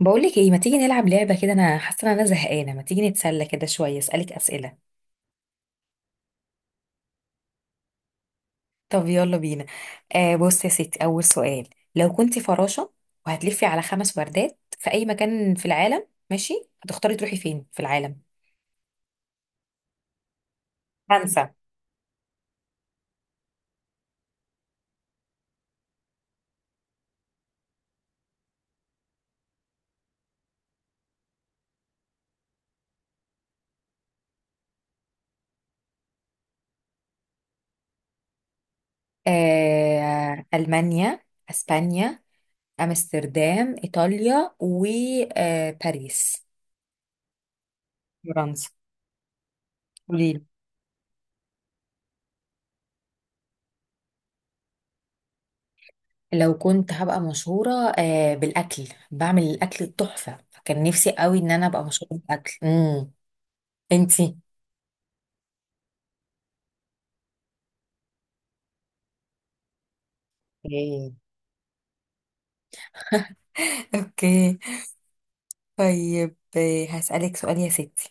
بقولك ايه، ما تيجي نلعب لعبة كده؟ انا حاسة ان انا زهقانة، ما تيجي نتسلى كده شوية اسألك اسئلة؟ طب يلا بينا. بص يا ستي، اول سؤال. لو كنتي فراشة وهتلفي على خمس وردات في اي مكان في العالم، ماشي، هتختاري تروحي فين في العالم؟ فرنسا. المانيا، اسبانيا، امستردام، ايطاليا وباريس. فرنسا. قوليلي. لو كنت هبقى مشهورة، بالأكل، بعمل الأكل التحفة، فكان نفسي قوي إن أنا أبقى مشهورة بالأكل. أنتي ايه. اوكي. طيب، هسألك سؤال يا ستي.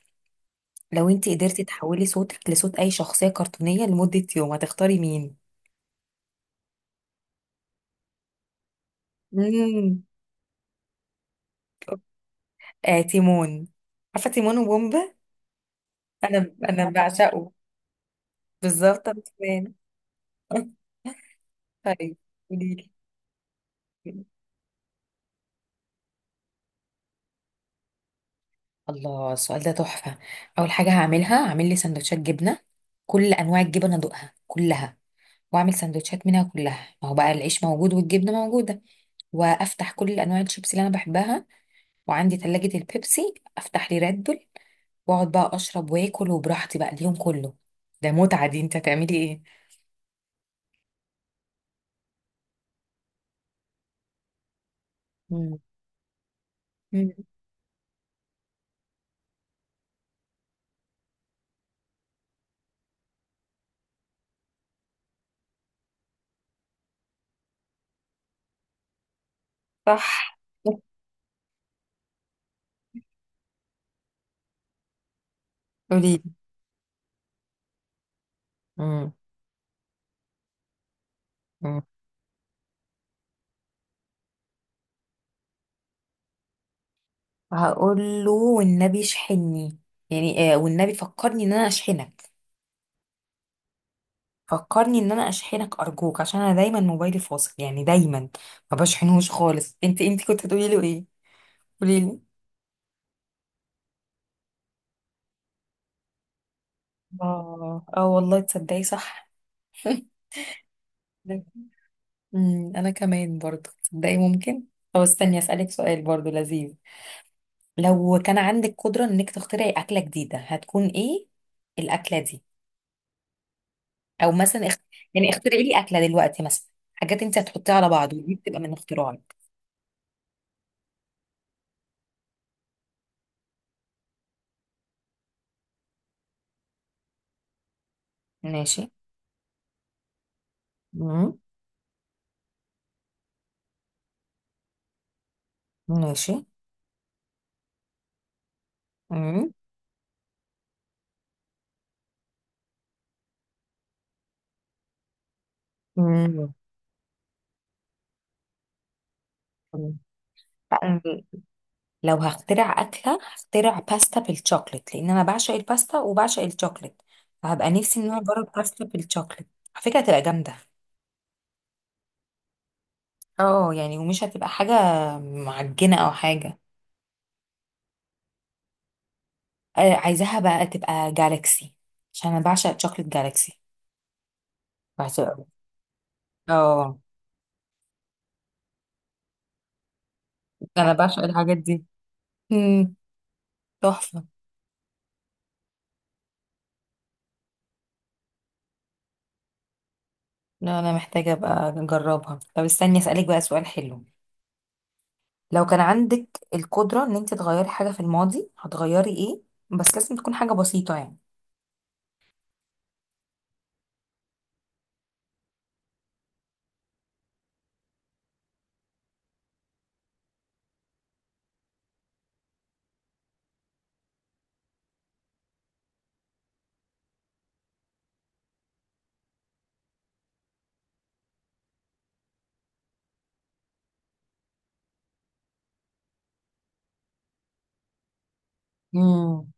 لو انت قدرتي تحولي صوتك لصوت اي شخصية كرتونية لمدة يوم هتختاري مين؟ امم تيمون. عارفة تيمون وبومبا؟ انا بعشقه. بالظبط انا كمان. طيب، قوليلي. الله، السؤال ده تحفة. أول حاجة هعملها هعمل لي سندوتشات جبنة، كل أنواع الجبن أدوقها كلها وأعمل سندوتشات منها كلها، ما هو بقى العيش موجود والجبنة موجودة، وأفتح كل أنواع الشيبس اللي أنا بحبها، وعندي تلاجة البيبسي أفتح لي راد بول، وأقعد بقى أشرب وآكل وبراحتي بقى اليوم كله. ده متعة دي. أنت هتعملي إيه؟ مم. مم. صح. قولي. مم. مم. هقول له والنبي اشحني، يعني والنبي فكرني إن أنا أشحنك. فكرني ان انا اشحنك ارجوك عشان انا دايما موبايلي فاصل، يعني دايما ما بشحنهوش خالص. انت كنت هتقولي له ايه؟ قولي لي. اه، اه، والله تصدقي صح. انا كمان برضو تصدقي ممكن. طب استني اسالك سؤال برضو لذيذ. لو كان عندك قدرة انك تخترعي اكلة جديدة، هتكون ايه الاكلة دي؟ او مثلا يعني اخترعي لي اكلة دلوقتي، مثلا حاجات انت هتحطيها على بعض ودي بتبقى من اختراعك. ماشي. امم ماشي. امم امم أم، لو هخترع أكلة هخترع باستا بالشوكليت، لأن أنا بعشق الباستا وبعشق الشوكليت، فهبقى نفسي إن أنا أجرب باستا بالشوكليت. على فكرة هتبقى جامدة. اه يعني، ومش هتبقى حاجة معجنة أو حاجة. عايزاها بقى تبقى جالاكسي عشان أنا بعشق شوكليت جالاكسي. بعشقه أوي. اه. أنا بعشق الحاجات دي. مم، تحفة. لا، أنا محتاجة أبقى أجربها. طب استني أسألك بقى سؤال حلو. لو كان عندك القدرة ان انت تغيري حاجة في الماضي هتغيري ايه؟ بس لازم تكون حاجة بسيطة يعني. امم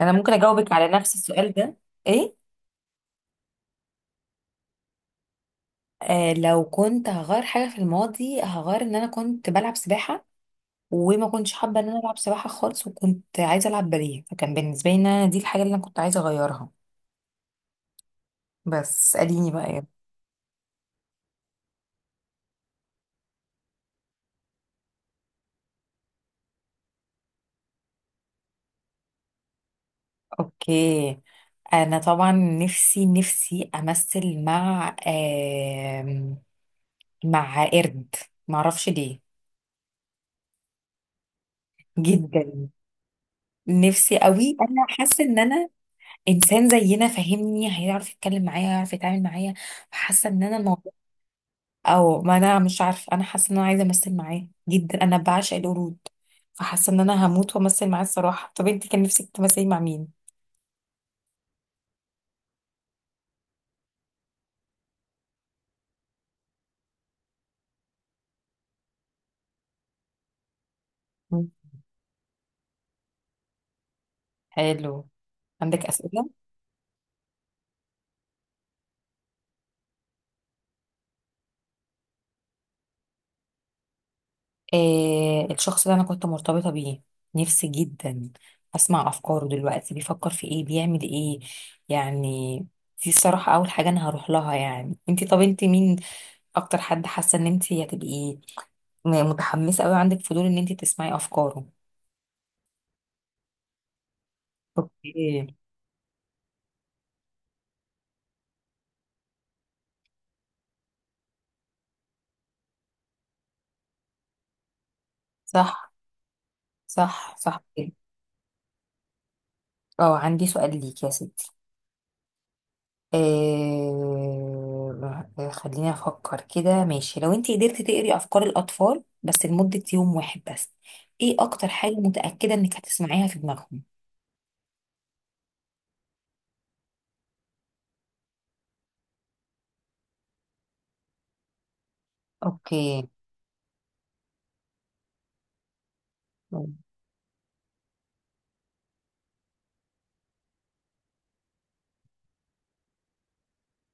انا ممكن اجاوبك على نفس السؤال ده. ايه. لو كنت هغير حاجة في الماضي هغير ان انا كنت بلعب سباحة، وما كنتش حابة ان انا العب سباحة خالص، وكنت عايزة العب باليه، فكان بالنسبة لي ان أنا دي الحاجة اللي انا كنت عايزة اغيرها. بس اسأليني بقى ايه. اوكي. انا طبعا نفسي نفسي امثل مع مع قرد. معرفش ليه، جدا نفسي قوي. انا حاسه ان انا انسان زينا فاهمني، هيعرف يتكلم معايا، هيعرف يتعامل معايا. حاسه ان انا الموضوع، او ما انا مش عارفه، انا حاسه ان انا عايزه امثل معاه جدا، انا بعشق القرود. فحاسه ان انا هموت وامثل معاه الصراحه. طب انت كان نفسك تمثلي مع مين؟ مم. حلو. عندك اسئله؟ الشخص اللي انا كنت مرتبطة بيه، نفسي جدا اسمع افكاره دلوقتي بيفكر في ايه بيعمل ايه يعني. دي الصراحة اول حاجة انا هروح لها يعني. انتي، طب انتي مين اكتر حد حاسة ان انتي هتبقي متحمسة قوي، عندك فضول ان انتي تسمعي افكاره؟ اوكي. صح، صح، صح كده. اه عندي سؤال ليك يا ستي. خليني افكر كده. ماشي، لو انت قدرتي تقري افكار الاطفال بس لمدة يوم واحد بس، ايه اكتر حاجة متأكدة انك هتسمعيها في دماغهم؟ اوكي.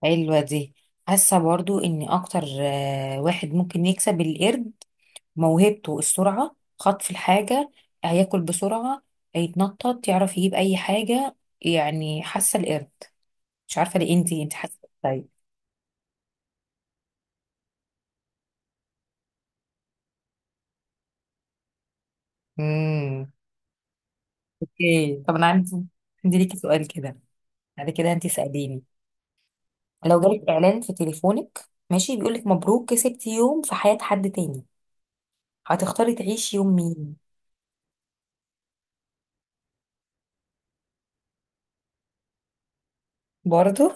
حلوة دي. حاسة برضو ان اكتر واحد ممكن يكسب القرد. موهبته السرعة، خطف الحاجة، هياكل بسرعة، هيتنطط، يعرف يجيب اي حاجة. يعني حاسة القرد، مش عارفة ليه. انت، انت حاسة؟ طيب. ايه، طب انا عندي ليكي سؤال كده، بعد كده انت اساليني. لو جالك اعلان في تليفونك، ماشي، بيقولك مبروك كسبتي يوم في حياة حد تاني، هتختاري تعيشي يوم مين؟ برضه.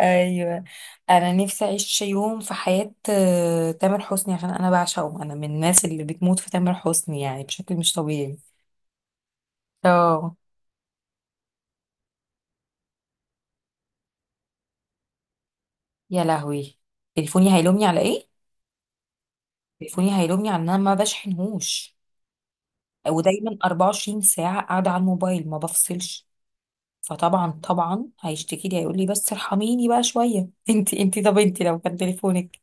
ايوه. انا نفسي اعيش يوم في حياة تامر حسني عشان انا بعشقه، انا من الناس اللي بتموت في تامر حسني يعني بشكل مش طبيعي. اه. يا لهوي، تليفوني هيلومني على ايه؟ تليفوني هيلومني على ان انا ما بشحنهوش ودايما 24 ساعة قاعدة على الموبايل ما بفصلش. فطبعا طبعا هيشتكي لي هيقول لي بس ارحميني بقى شويه. انت انت طب انت لو كان تليفونك.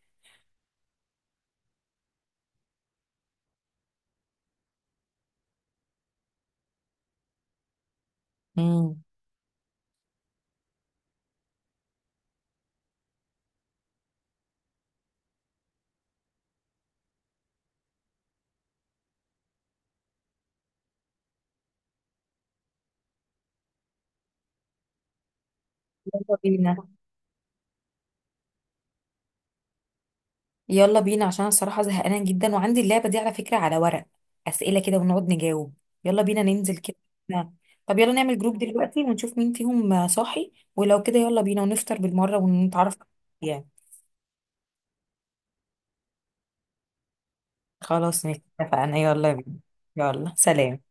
امم يلا بينا. يلا بينا عشان أنا الصراحه زهقانه جدا وعندي اللعبه دي على فكره على ورق، اسئله كده ونقعد نجاوب. يلا بينا ننزل كده. نعم. طب يلا نعمل جروب دلوقتي ونشوف مين فيهم صاحي ولو كده يلا بينا ونفطر بالمره ونتعرف يعني. خلاص ماشي، اتفقنا، يلا بينا. يلا، سلام.